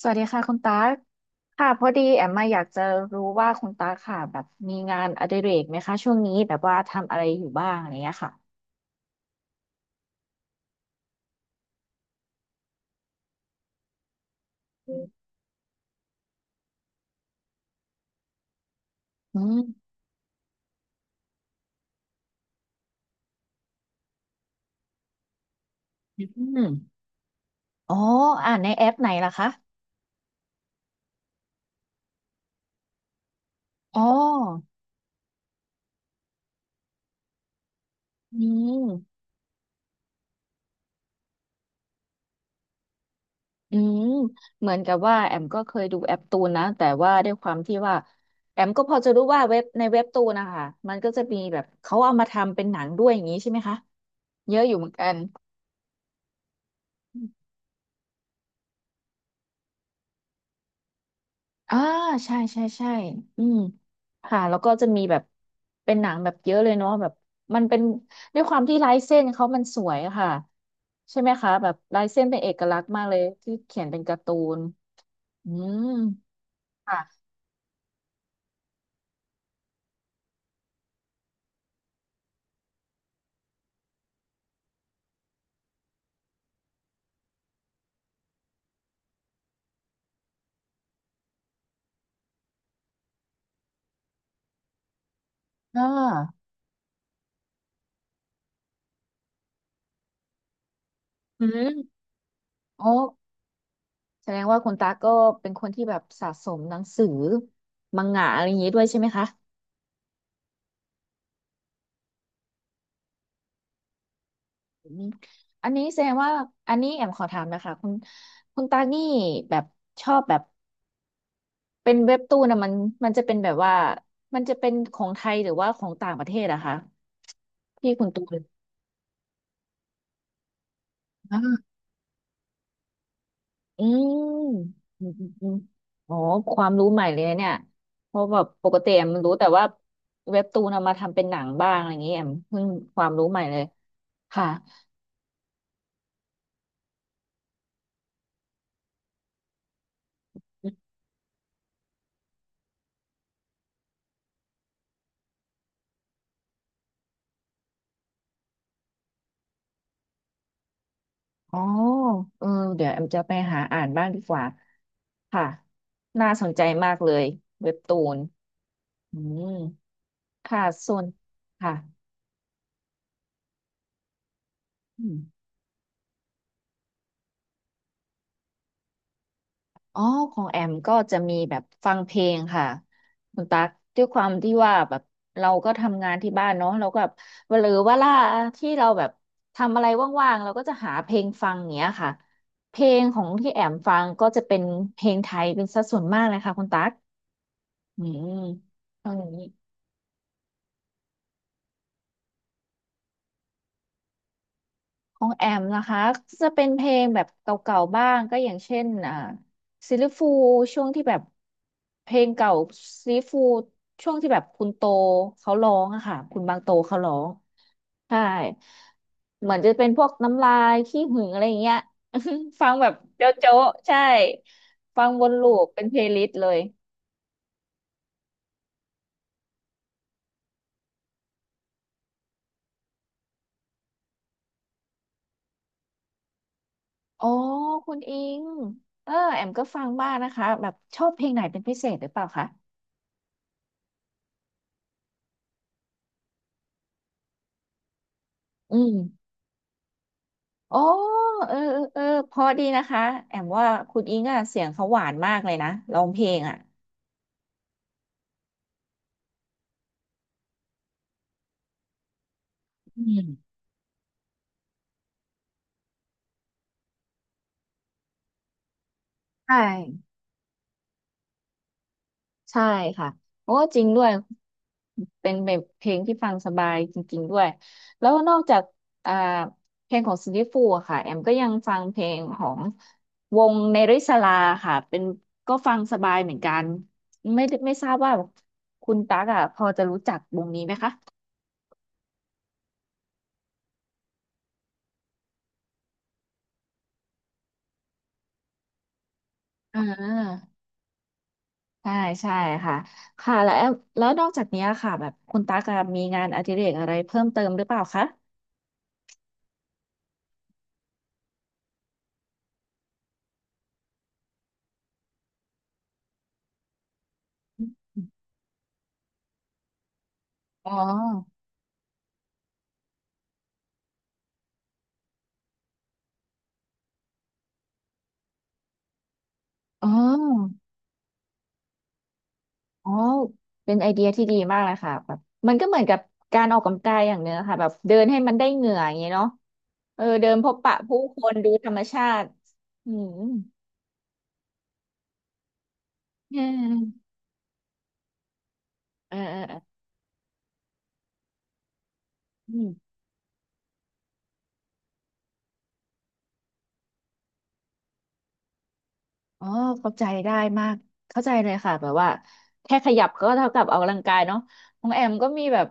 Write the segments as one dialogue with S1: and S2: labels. S1: สวัสดีค่ะคุณตากค่ะพอดีแอมมาอยากจะรู้ว่าคุณตากค่ะแบบมีงานอดิเรกไหมคะช่วงนี้แบบว่าทำอะไรอยู่บ้างอะไรเงี้ยค่ะอืมอืมอ๋ออ่านในแอปไหนล่ะคะอ๋ออืมอืมเหมือนกับว่าแอมก็เคยดูแอปตูนนะแต่ว่าด้วยความที่ว่าแอมก็พอจะรู้ว่าเว็บตูนนะคะมันก็จะมีแบบเขาเอามาทำเป็นหนังด้วยอย่างนี้ใช่ไหมคะเยอะอยู่เหมือนกัน อ่าใช่ใช่ใช่อืมค่ะแล้วก็จะมีแบบเป็นหนังแบบเยอะเลยเนาะแบบมันเป็นด้วยความที่ลายเส้นเขามันสวยอะค่ะใช่ไหมคะแบบลายเส้นเป็นเอกลักษณ์มากเลยที่เขียนเป็นการ์ตูนอืมค่ะอ่าอืมโอ้แสดงว่าคุณตาก็เป็นคนที่แบบสะสมหนังสือมังงะอะไรอย่างนี้ด้วยใช่ไหมคะอืมอันนี้แสดงว่าอันนี้แอมขอถามนะคะคุณตานี่แบบชอบแบบ เป็นเว็บตูนนะมันจะเป็นแบบว่ามันจะเป็นของไทยหรือว่าของต่างประเทศอะคะพี่คุณตูนอ่าอืมอืมอ๋อความรู้ใหม่เลยนะเนี่ยเพราะแบบปกติแอมรู้แต่ว่าเว็บตูนเอามาทำเป็นหนังบ้างอะไรอย่างเงี้ยแอมเพิ่งความรู้ใหม่เลยค่ะอ๋อเออเดี๋ยวแอมจะไปหาอ่านบ้างดีกว่าค่ะน่าสนใจมากเลยเว็บตูนอืมค่ะส่วนค่ะอืม อ๋อของแอมก็จะมีแบบฟังเพลงค่ะคุณตั๊กด้วยความที่ว่าแบบเราก็ทำงานที่บ้านเนาะเราก็แบบหรือว่าล่าที่เราแบบทำอะไรว่างๆเราก็จะหาเพลงฟังเนี้ยค่ะเพลงของที่แอมฟังก็จะเป็นเพลงไทยเป็นสัดส่วนมากเลยค่ะคุณตั๊กอืมตรงนี้ ของแอมนะคะจะเป็นเพลงแบบเก่าๆบ้างก็อย่างเช่นซิลลิฟูช่วงที่แบบเพลงเก่าซิลลิฟูช่วงที่แบบคุณโตเขาร้องอะค่ะคุณบางโตเขาร้องใช่เหมือนจะเป็นพวกน้ำลายขี้หึงอะไรอย่างเงี้ย ฟังแบบโจ๊ะโจ๊ะใช่ฟังวนลูปเป็นเพลย์ลิสต์เลยอ๋อคุณอิงเออแอมก็ฟังบ้างนะคะแบบชอบเพลงไหนเป็นพิเศษหรือเปล่าคะอืม อ๋อเออเพอดีนะคะ แอมว่าคุณอิงอะเสียงเขาหวานมากเลยนะร้องเพลงอ่ะอืมใช่ ใช่ค่ะโอ้จริงด้วย เป็นแบบเพลงที่ฟังสบายจริงๆด้วยแล้วนอกจากอ่าเพลงของซิลลี่ฟูอะค่ะแอมก็ยังฟังเพลงของวงเนริสลาค่ะ เป็นก็ฟังสบายเหมือนกัน ไม่ทราบว่าคุณตั๊กอ่ะพอจะรู้จักวงนี้ไหมคะอ่า ใช่ใช่ค่ะค่ะแล้วนอกจากเนี้ยค่ะแบบคุณตั๊กอะมีงานอดิเรกอะไรเพิ่มเติมหรือเปล่าคะอ๋ออ๋ออ๋อเป็นไอเดียที่ดีมากเลยค่ะแบบมันก็เหมือนกับการออกกำลังกายอย่างเนื้อค่ะแบบเดินให้มันได้เหงื่ออย่างเงี้ยเนาะเออเดินพบปะผู้คนดูธรรมชาติอืมเออเอออืม อ๋อเข้าใจได้มากเข้าใจเลยค่ะแบบว่าแค่ขยับก็เท่ากับออกกำลังกายเนาะของแอมก็มีแบบ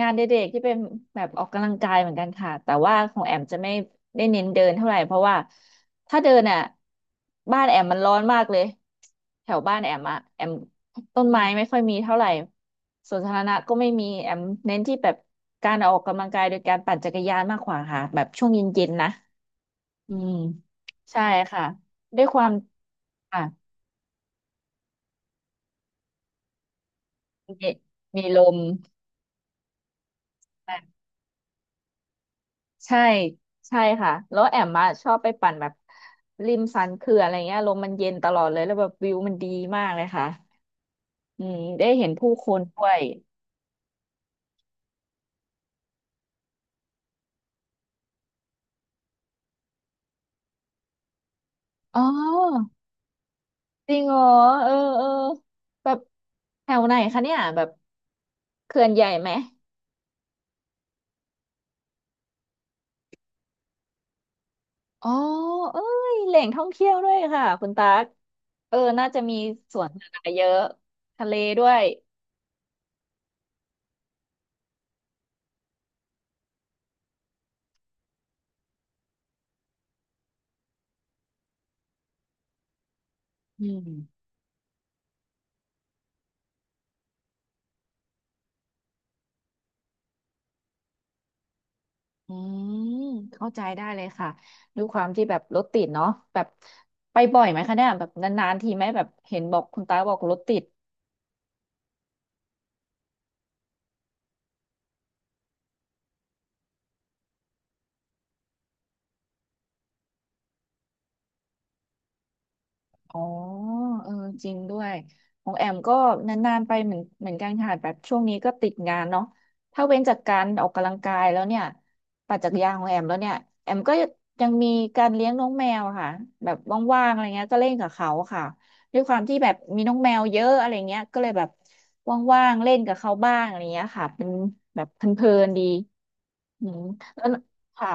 S1: งานเด็กๆที่เป็นแบบออกกำลังกายเหมือนกันค่ะแต่ว่าของแอมจะไม่ได้เน้นเดินเท่าไหร่เพราะว่าถ้าเดินอ่ะบ้านแอมมันร้อนมากเลยแถวบ้านแอมอ่ะแอมต้นไม้ไม่ค่อยมีเท่าไหร่สวนสาธารณะก็ไม่มีแอมเน้นที่แบบการออกกำลังกายโดยการปั่นจักรยานมากกว่าค่ะแบบช่วงเย็นๆนะอืมใช่ค่ะด้วยความค่ะ มีมีลมใช่ใช่ค่ะแล้วแอมมาชอบไปปั่นแบบริมสันเขื่อนอะไรเงี้ยลมมันเย็นตลอดเลยแล้วแบบวิวมันดีมากเลยค่ะอืมได้เห็นผู้คนด้วยอ๋อจริงเหรอเออเออแบบแถวไหนคะเนี่ยแบบเขื่อนใหญ่ไหมอ๋อเอ้ยแหล่งท่องเที่ยวด้วยค่ะคุณตั๊กเออน่าจะมีสวนสาธารณะเยอะทะเลด้วยอืม อืมเข้าใจได้เลยค่ะด้วยความที่แบบรถติดเนาะแบบไปบ่อยไหมคะเนี่ยแบบนานๆทีไหมแบบเห็นบอกคุณตาบอกรถติด อ๋อเออจริงด้วยของแอมก็นานๆไปเหมือนกันค่ะแบบช่วงนี้ก็ติดงานเนาะถ้าเว้นจากการออกกำลังกายแล้วเนี่ยปั่นจักรยานของแอมแล้วเนี่ยแอมก็ยังมีการเลี้ยงน้องแมวอะค่ะแบบว่างๆอะไรเงี้ยก็เล่นกับเขาค่ะด้วยความที่แบบมีน้องแมวเยอะอะไรเงี้ยก็เลยแบบว่างๆเล่นกับเขาบ้างอะไรเงี้ยค่ะเป็นแบบเพลินๆดีอืมแล้วค่ะ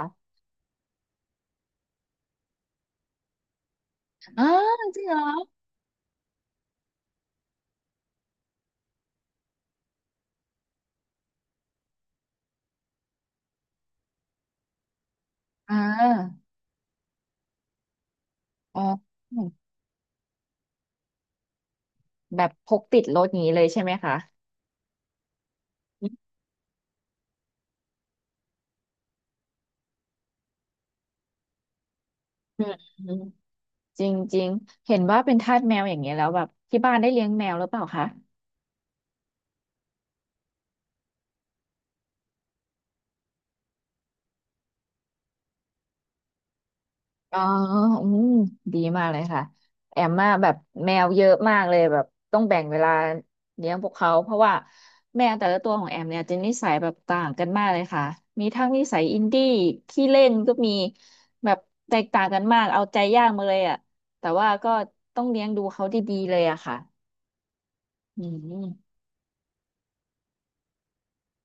S1: อ้าวจริงเหรออ่าอ๋อ แบบพกติดรถอย่างนี้เลยใช่ไหมคะอืมอืมอืมจริงจริงเห็นว่าเป็นทาสแมวอย่างเงี้ยแล้วแบบที่บ้านได้เลี้ยงแมวหรือเปล่าคะอ๋ออืมดีมากเลยค่ะแอมมาแบบแมวเยอะมากเลยแบบต้องแบ่งเวลาเลี้ยงพวกเขาเพราะว่าแมวแต่ละตัวของแอมเนี่ยจะนิสัยแบบต่างกันมากเลยค่ะมีทั้งนิสัยอินดี้ขี้เล่นก็มีแบบแตกต่างกันมากเอาใจยากมาเลยอ่ะแต่ว่าก็ต้องเลี้ยงดูเขาดีๆเลยอะค่ะอืม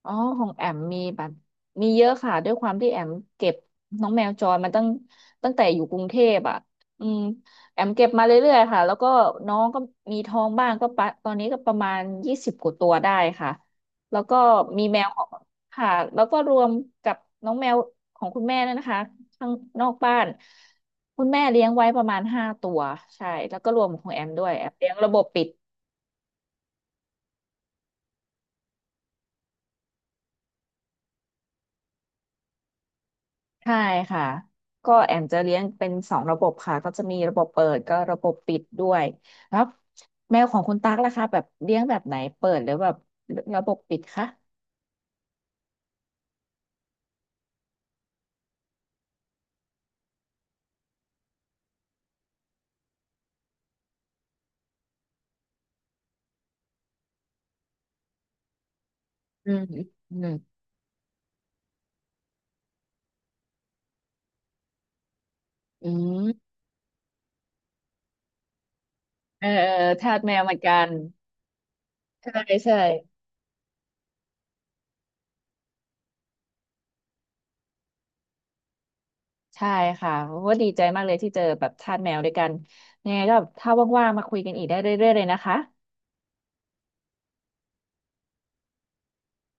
S1: อ๋อของแอมมีแบบมีเยอะค่ะ ด้วยความที่แอมเก็บน้องแมวจรมาตั้งแต่อยู่กรุงเทพอ่ะอืมแอมเก็บมาเรื่อยๆค่ะ แล้วก็น้องก็มีท้องบ้างก็ปะตอนนี้ก็ประมาณ20กว่าตัวได้ค่ะ แล้วก็มีแมวของค่ะ แล้วก็รวมกับน้องแมวของคุณแม่นั่นนะคะข้างนอกบ้านคุณแม่เลี้ยงไว้ประมาณ5ตัวใช่แล้วก็รวมของแอมด้วยแอมเลี้ยงระบบปิด ใช่ค่ะก็แอมจะเลี้ยงเป็น2ระบบค่ะก็จะมีระบบเปิดก็ระบบปิดด้วยแล้วแมวของคุณตั๊กล่ะคะแบบเลี้ยงแบบไหนเปิดหรือแบบระบบปิดคะอืมอืมอืมเออเออทาสแมวเหมือนกันใช่ใช่ใช่ค่ะว่าดีใจมากเลยที่เจอแบบทาสแมวด้วยกันยังไงก็ถ้าว่างๆมาคุยกันอีกได้เรื่อยๆเลยนะคะ